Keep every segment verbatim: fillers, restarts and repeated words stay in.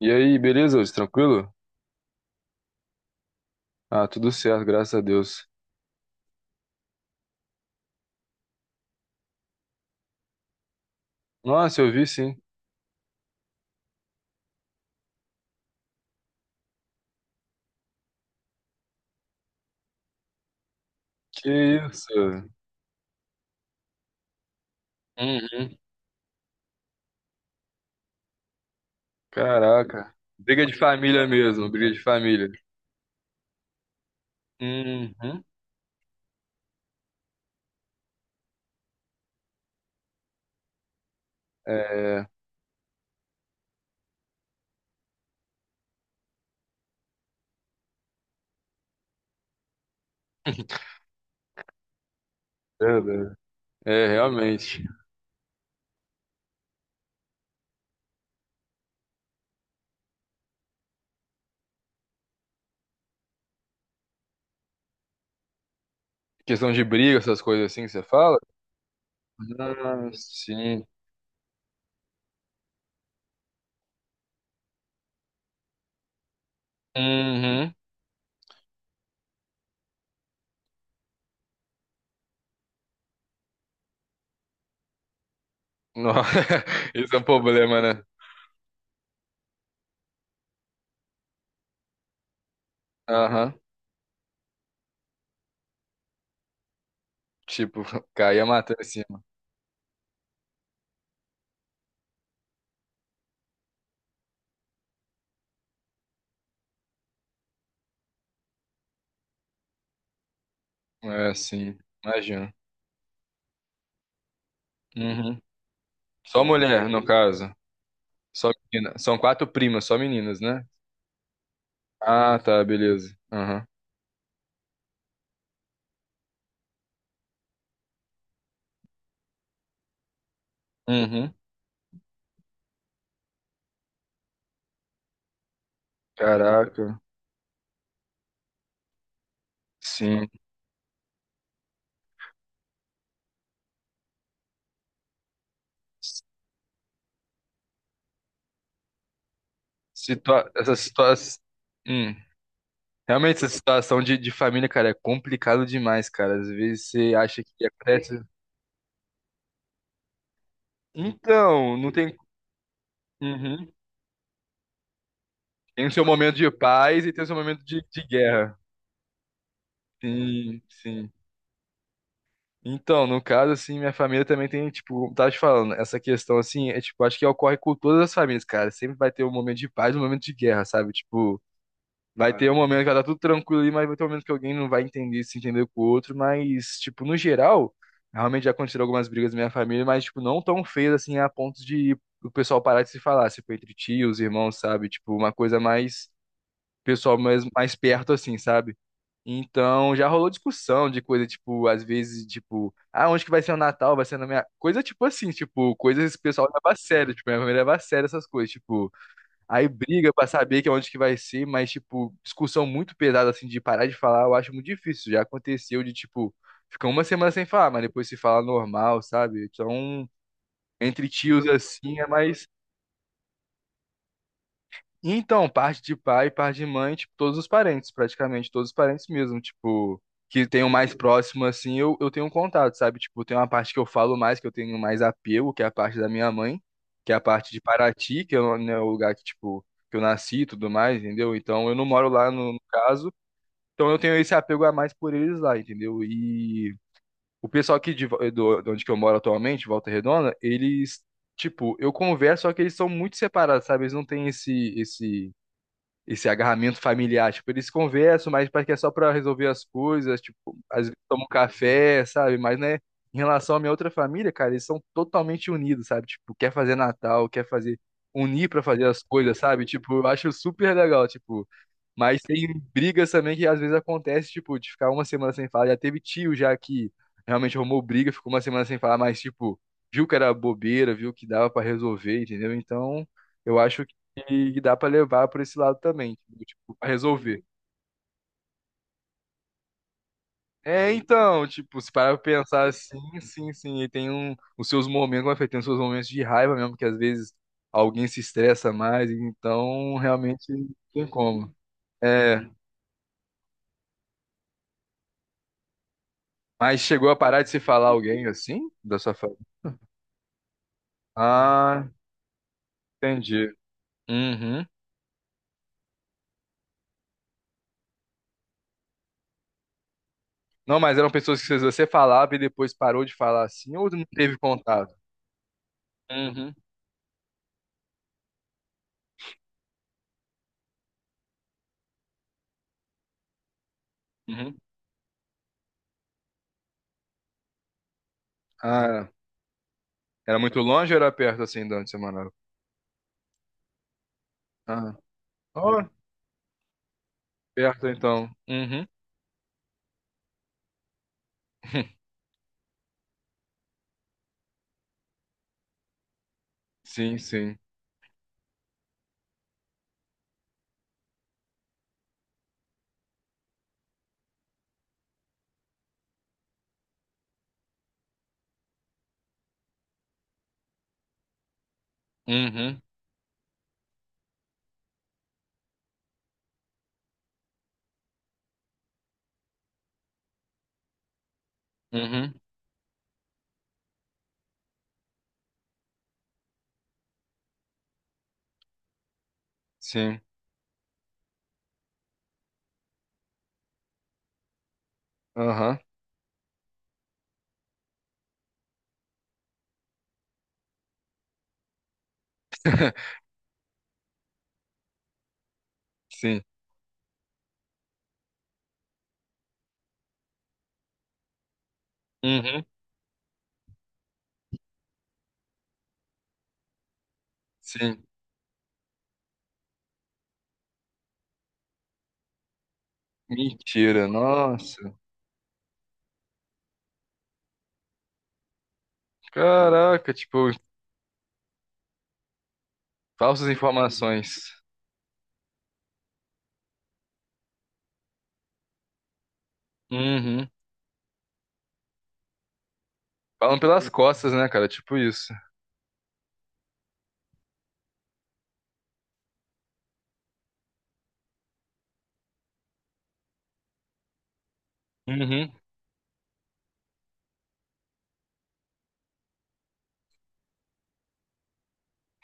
E aí, beleza, Wilson? Tranquilo? Ah, tudo certo, graças a Deus. Nossa, eu vi sim. Que isso? Uhum. Caraca. Briga de família mesmo, briga de família. Uhum. É, verdade. É, realmente. Questão de briga, essas coisas assim que você fala? Ah, sim. Uhum. Nossa, isso é um problema, né? Aham. Tipo, caía matando em cima. É, sim. Imagina. Uhum. Só mulher, no caso. Só menina. São quatro primas, só meninas, né? Ah, tá, beleza. Aham. Uhum. Caraca. Sim. Situa essa situação. Hum. Realmente, essa situação de, de família, cara, é complicado demais, cara. Às vezes você acha que acontece. Então, não tem. Uhum. Tem o seu momento de paz e tem o seu momento de, de guerra. Sim, sim. Então, no caso, assim, minha família também tem, tipo, como tava te falando, essa questão, assim, é, tipo, acho que ocorre com todas as famílias, cara. Sempre vai ter um momento de paz e um momento de guerra, sabe? Tipo, vai ter um momento que vai estar tudo tranquilo ali, mas vai ter um momento que alguém não vai entender, se entender com o outro, mas, tipo, no geral, realmente já aconteceram algumas brigas na minha família, mas, tipo, não tão feias, assim, a ponto de o pessoal parar de se falar, tipo, entre tios, irmãos, sabe? Tipo, uma coisa mais pessoal, mais, mais perto, assim, sabe? Então, já rolou discussão de coisa, tipo, às vezes, tipo, ah, onde que vai ser o Natal? Vai ser na minha. Coisa tipo assim, tipo, coisas que o pessoal leva a sério, tipo, minha família leva a sério essas coisas, tipo, aí briga pra saber que é onde que vai ser, mas, tipo, discussão muito pesada, assim, de parar de falar, eu acho muito difícil. Já aconteceu de, tipo, ficar uma semana sem falar, mas depois se fala normal, sabe? Então, entre tios, assim, é mais. Então, parte de pai, parte de mãe, tipo, todos os parentes, praticamente, todos os parentes mesmo, tipo, que tenho mais próximo, assim, eu, eu tenho um contato, sabe? Tipo, tem uma parte que eu falo mais, que eu tenho mais apego, que é a parte da minha mãe, que é a parte de Paraty, que é o, né, o lugar que, tipo, que eu nasci e tudo mais, entendeu? Então, eu não moro lá no, no caso, então eu tenho esse apego a mais por eles lá, entendeu? E o pessoal aqui de, Vo- do, de onde que eu moro atualmente, Volta Redonda, eles, tipo, eu converso, só que eles são muito separados, sabe? Eles não têm esse, esse esse agarramento familiar. Tipo, eles conversam, mas parece que é só pra resolver as coisas, tipo, às vezes tomam um café, sabe? Mas, né, em relação à minha outra família, cara, eles são totalmente unidos, sabe? Tipo, quer fazer Natal, quer fazer, unir pra fazer as coisas, sabe? Tipo, eu acho super legal, tipo, mas tem brigas também que às vezes acontece, tipo, de ficar uma semana sem falar. Já teve tio já que realmente arrumou briga, ficou uma semana sem falar, mas, tipo, viu que era bobeira, viu que dava pra resolver, entendeu? Então, eu acho que dá pra levar por esse lado também, entendeu? Tipo, pra resolver. É, então, tipo, se parar pra pensar assim, sim, sim, e tem um, os seus momentos, como eu falei, tem os seus momentos de raiva mesmo, que às vezes alguém se estressa mais, então realmente não tem como. É, mas chegou a parar de se falar alguém assim da sua família? Ah, entendi. Uhum. Não, mas eram pessoas que você falava e depois parou de falar assim ou não teve contato? Uhum. Uhum. Ah, era muito longe ou era perto assim durante a semana? Ah, ó, perto então. Uhum. Sim, sim. Uhum. Uhum. Sim. Aham. Sim. Uhum. Sim. Mentira. Nossa. Caraca, tipo, falsas informações. Uhum. Falam pelas costas, né, cara? Tipo isso. Uhum.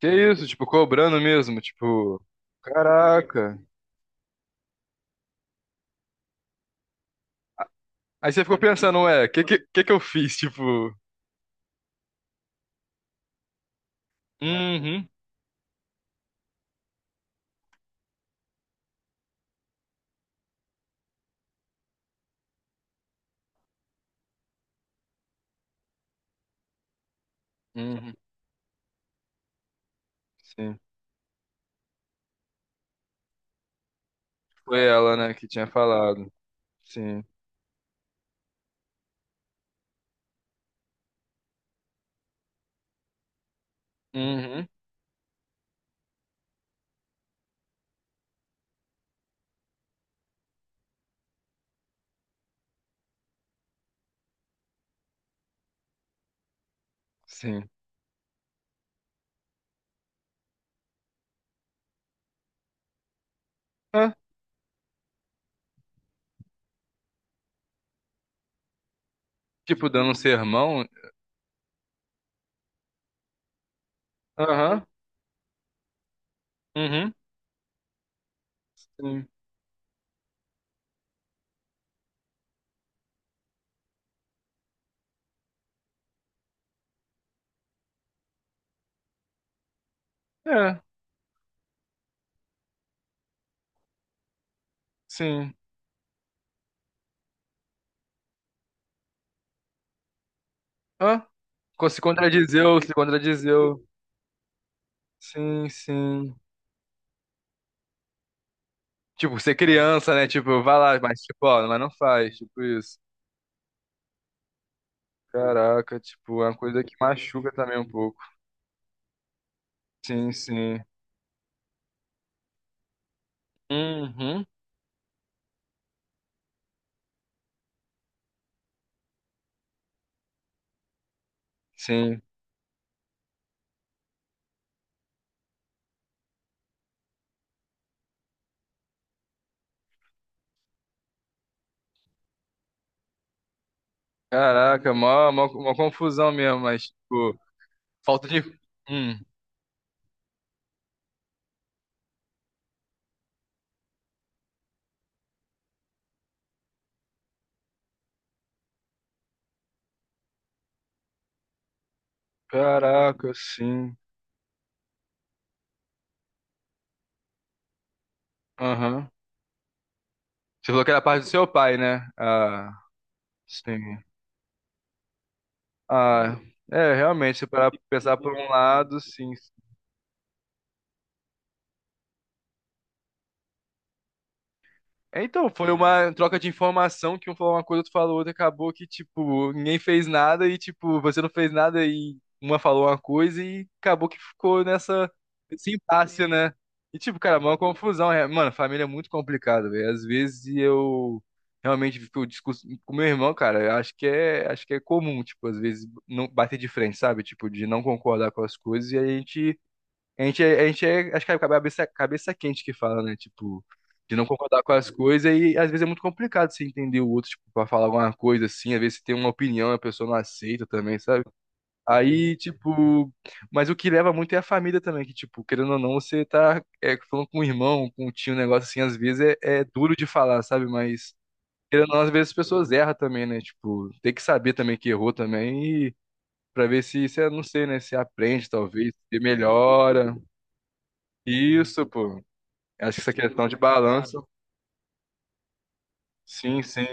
Que isso, tipo, cobrando mesmo, tipo, caraca. Aí você ficou pensando, ué, que que, que que, eu fiz? Tipo, uhum, uhum, sim. Foi ela, né, que tinha falado. Sim. Uhum, sim. Ah, tipo, dando um sermão. Aham, uhum, sim. É, sim. Ah, co- se contradizeu, se contradizeu. Sim, sim. Tipo, ser criança, né? Tipo, vai lá, mas tipo, ó, mas não faz, tipo isso. Caraca, tipo, é uma coisa que machuca também um pouco. Sim, sim. Uhum, sim. Caraca, mó, mó, mó confusão mesmo, mas, tipo, falta de. Hum. Caraca, sim. Aham. Você falou que era parte do seu pai, né? Ah, sim. Ah, é, realmente, se parar pra pensar por um lado, sim. É, então, foi uma troca de informação que um falou uma coisa, outro falou outra, acabou que, tipo, ninguém fez nada e, tipo, você não fez nada e uma falou uma coisa e acabou que ficou nessa, nesse impasse, né? E, tipo, cara, é uma confusão. É. Mano, família é muito complicado, velho. Às vezes eu realmente fico discusso com meu irmão, cara, eu acho que é, acho que é comum, tipo, às vezes não bater de frente, sabe? Tipo, de não concordar com as coisas e a gente a gente, é- a gente é, acho que é cabeça, cabeça quente que fala, né? Tipo, de não concordar com as coisas e às vezes é muito complicado você entender o outro, tipo, pra falar alguma coisa assim. Às vezes você tem uma opinião e a pessoa não aceita também, sabe? Aí, tipo, mas o que leva muito é a família também, que, tipo, querendo ou não, você tá é, falando com o irmão, com o tio, um negócio assim, às vezes é, é duro de falar, sabe? Mas, querendo ou não, às vezes as pessoas erram também, né? Tipo, tem que saber também que errou também e pra ver se, se, é, não sei, né? Se aprende, talvez, se melhora. Isso, pô. Acho que essa questão de balanço, sim, sim.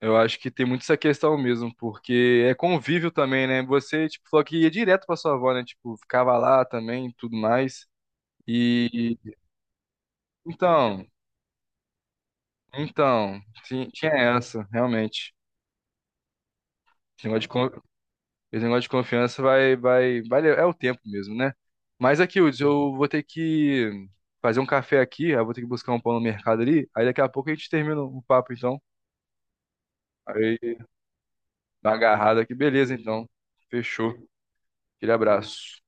Eu acho que tem muito essa questão mesmo, porque é convívio também, né? Você, tipo, falou que ia direto pra sua avó, né? Tipo, ficava lá também, e tudo mais. E então, então, sim, tinha essa, realmente. Esse negócio de, con- esse negócio de confiança vai, vai, vai, le- é o tempo mesmo, né? Mas aqui, Hudson, eu vou ter que fazer um café aqui, aí eu vou ter que buscar um pão no mercado ali. Aí daqui a pouco a gente termina o papo, então. Aí tá agarrado aqui, beleza, então. Fechou. Aquele abraço.